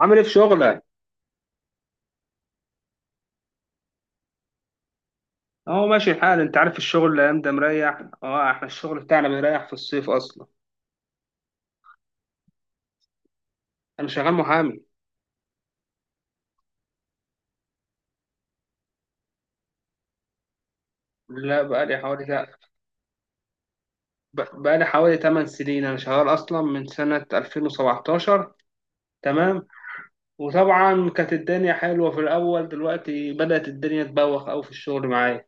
عامل ايه في شغلك؟ اهو ماشي الحال، انت عارف الشغل الايام ده مريح. اه احنا الشغل بتاعنا بيريح في الصيف اصلا. انا شغال محامي. لا بقالي حوالي، لا. بقالي حوالي 8 سنين، انا شغال اصلا من سنة 2017. تمام. وطبعا كانت الدنيا حلوة في الاول، دلوقتي بدأت الدنيا تبوخ قوي في الشغل معايا.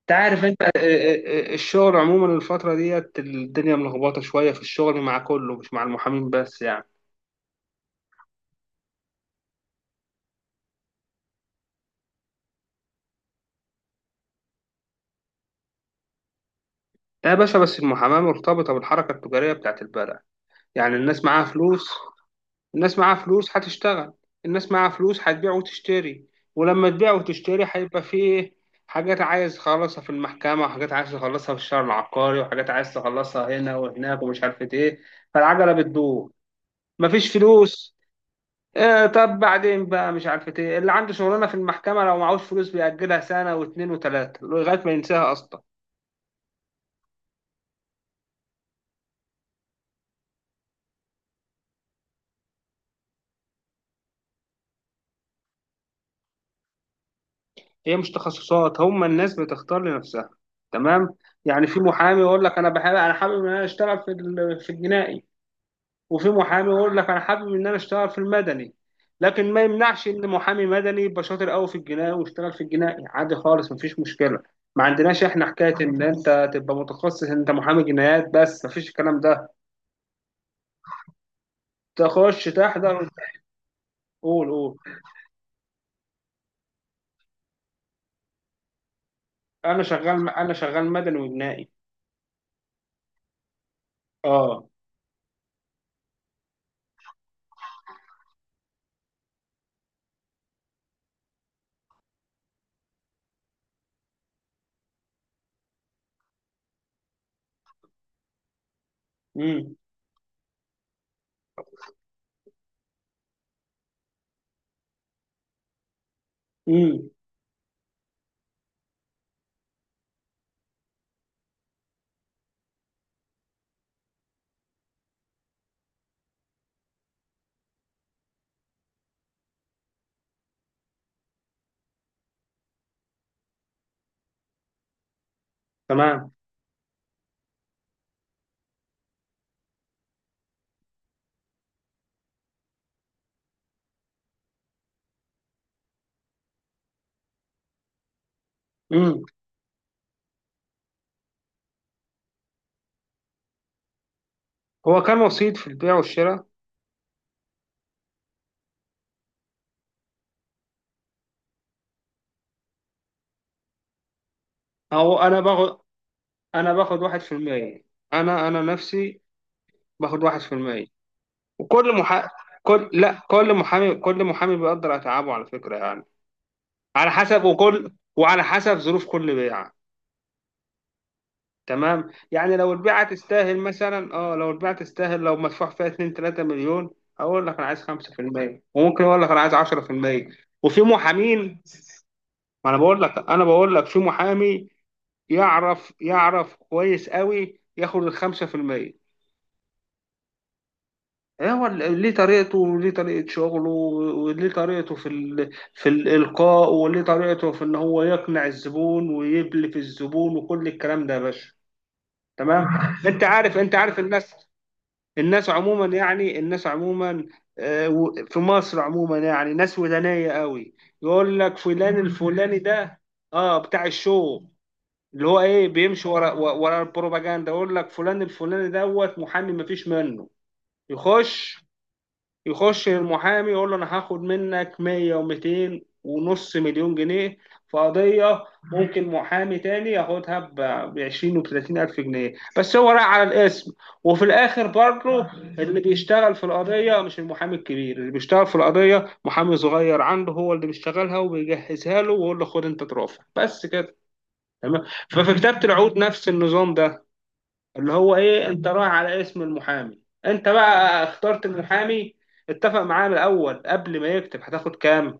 انت عارف، انت الشغل عموما الفترة ديت الدنيا ملخبطة شوية في الشغل مع كله، مش مع المحامين بس يعني. لا يا باشا، بس المحاماة مرتبطة بالحركة التجارية بتاعت البلد. يعني الناس معاها فلوس، الناس معاها فلوس هتشتغل، الناس معاها فلوس هتبيع وتشتري. ولما تبيع وتشتري هيبقى فيه إيه؟ حاجات عايز تخلصها في المحكمة، وحاجات عايز تخلصها في الشهر العقاري، وحاجات عايز تخلصها هنا وهناك ومش عارفة ايه. فالعجلة بتدور. مفيش فلوس. إيه طب بعدين بقى مش عارفة ايه، اللي عنده شغلانة في المحكمة لو معهوش فلوس بيأجلها سنة واتنين وتلاتة لغاية ما ينساها أصلا. هي مش تخصصات، هم الناس بتختار لنفسها. تمام. يعني في محامي يقول لك انا حابب ان انا اشتغل في في الجنائي. وفي محامي يقول لك انا حابب ان انا اشتغل في المدني. لكن ما يمنعش ان محامي مدني يبقى شاطر قوي في الجنائي ويشتغل في الجنائي عادي خالص، مفيش مشكله. ما عندناش احنا حكايه ان انت تبقى متخصص ان انت محامي جنايات بس، مفيش الكلام ده. تخش تحضر. قول قول. انا شغال مدني وجنائي. اه. امم. امم. تمام. هو كان وسيط في البيع والشراء. او انا باخد انا باخد واحد في المية. انا نفسي باخد واحد في المية. وكل محا كل لا كل محامي كل محامي بيقدر اتعابه على فكرة يعني، على حسب، وعلى حسب ظروف كل بيعة. تمام. يعني لو البيعة تستاهل لو مدفوع فيها 2 3 مليون، اقول لك انا عايز 5%، وممكن اقول لك انا عايز 10%. وفي محامين، ما انا بقول لك انا بقول لك في محامي يعرف كويس قوي ياخد الـ5%. إيه هو ليه طريقته، وليه طريقة شغله، وليه طريقته في في الإلقاء، وليه طريقته في إن هو يقنع الزبون ويبلف الزبون وكل الكلام ده يا باشا. تمام. أنت عارف الناس عموما يعني الناس عموما. في مصر عموما يعني ناس ودانية قوي. يقول لك فلان الفلاني ده اه بتاع الشو، اللي هو ايه بيمشي ورا ورا البروباجندا. يقول لك فلان الفلاني دوت محامي مفيش منه. يخش يخش المحامي يقول له انا هاخد منك 100 و200 ونص مليون جنيه في قضية. ممكن محامي تاني ياخدها ب 20 و 30 ألف جنيه، بس هو راح على الاسم. وفي الآخر برضه اللي بيشتغل في القضية مش المحامي الكبير، اللي بيشتغل في القضية محامي صغير عنده، هو اللي بيشتغلها وبيجهزها له، ويقول له خد أنت ترافع بس كده. تمام. ففي كتابة العقود نفس النظام ده، اللي هو ايه انت رايح على اسم المحامي. انت بقى اخترت المحامي، اتفق معاه من الاول قبل ما يكتب هتاخد كام.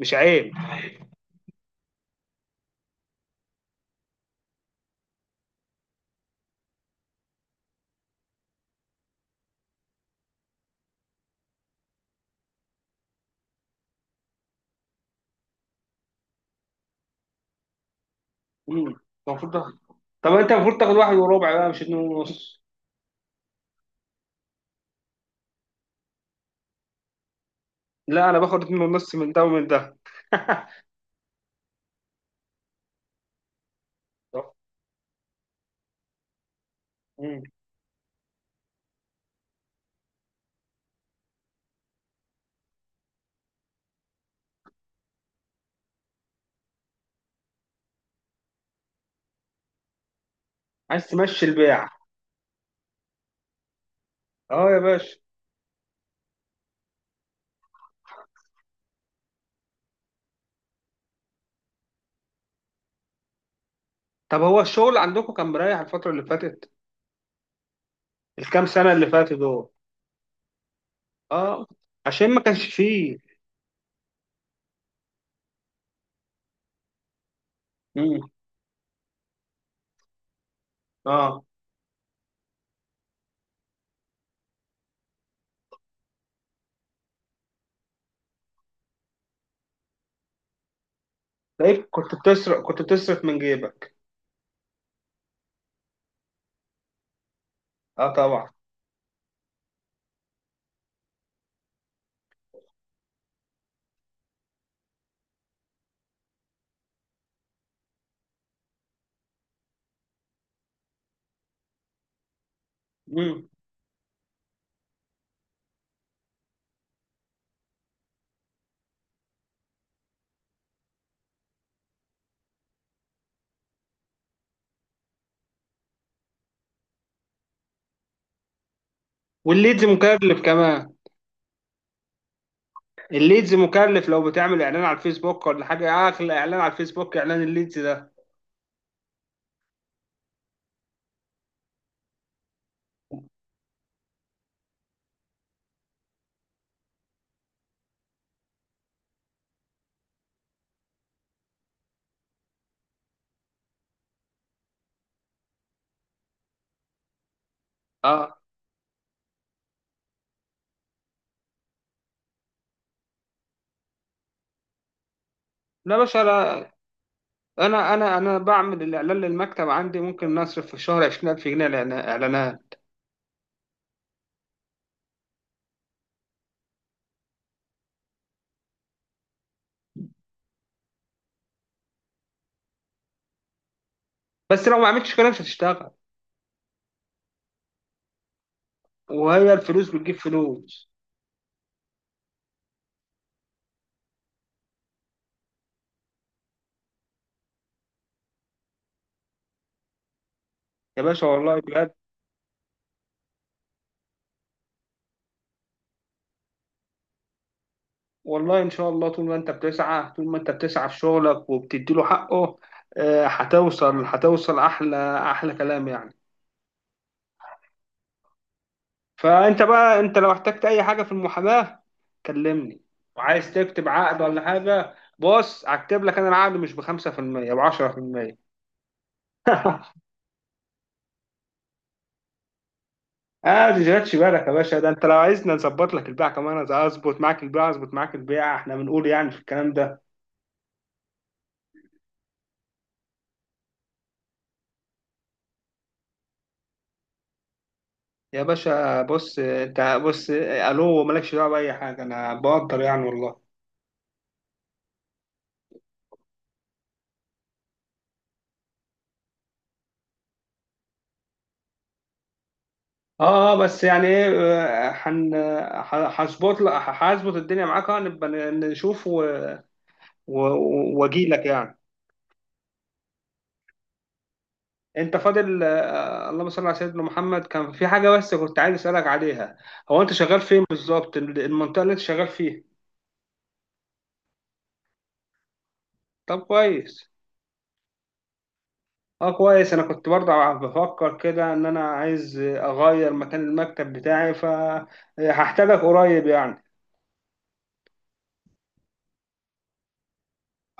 مش عيب. مم. المفروض تاخد طب انت المفروض تاخد واحد وربع بقى مش اتنين ونص. لا انا باخد اتنين ونص من ده ومن ده. طب. مم. عايز تمشي البيع؟ اه يا باشا. طب هو الشغل عندكم كان مريح الفترة اللي فاتت، الكام سنة اللي فاتت دول؟ اه، عشان ما كانش فيه. مم. اه، تلاقيك كنت بتصرف من جيبك. اه طبعا. مم. والليدز مكلف كمان. الليدز مكلف، لو بتعمل اعلان على الفيسبوك ولا حاجه، اغلى اعلان على الفيسبوك اعلان الليدز ده. اه. لا باشا، لا. انا بعمل الاعلان للمكتب عندي، ممكن نصرف في الشهر 20,000 جنيه اعلانات. بس لو ما عملتش كده مش هتشتغل. وهي الفلوس بتجيب فلوس. يا باشا والله بجد. والله إن شاء الله، طول ما أنت بتسعى في شغلك وبتديله حقه، هتوصل أحلى، أحلى كلام يعني. فأنت بقى أنت لو احتجت أي حاجة في المحاماة كلمني. وعايز تكتب عقد ولا حاجة، بص هكتب لك أنا العقد، مش بخمسة في المية، بعشرة في المية. ما تشغلش بالك يا باشا، ده أنت لو عايزنا نظبط لك البيع كمان انا أظبط معاك البيع، إحنا بنقول يعني في الكلام ده. يا باشا بص، أنت بص ألو مالكش دعوة بأي حاجة، أنا بقدر يعني والله. اه، اه، بس يعني ايه. آه، هن هظبط الدنيا معاك. نبقى نشوف واجي لك يعني. انت فاضل؟ اللهم صل على سيدنا محمد، كان في حاجه بس كنت عايز اسالك عليها. هو انت شغال فين بالظبط؟ المنطقه اللي انت شغال فيها؟ طب كويس. اه كويس، انا كنت برضه بفكر كده ان انا عايز اغير مكان المكتب بتاعي، فهحتاجك قريب يعني.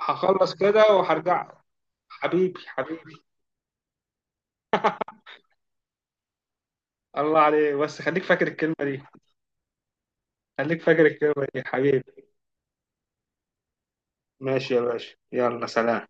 هخلص كده وهرجع. حبيبي حبيبي. الله عليك، بس خليك فاكر الكلمه دي. خليك فاكر الكلمة دي حبيبي. ماشي يا باشا، يلا سلام.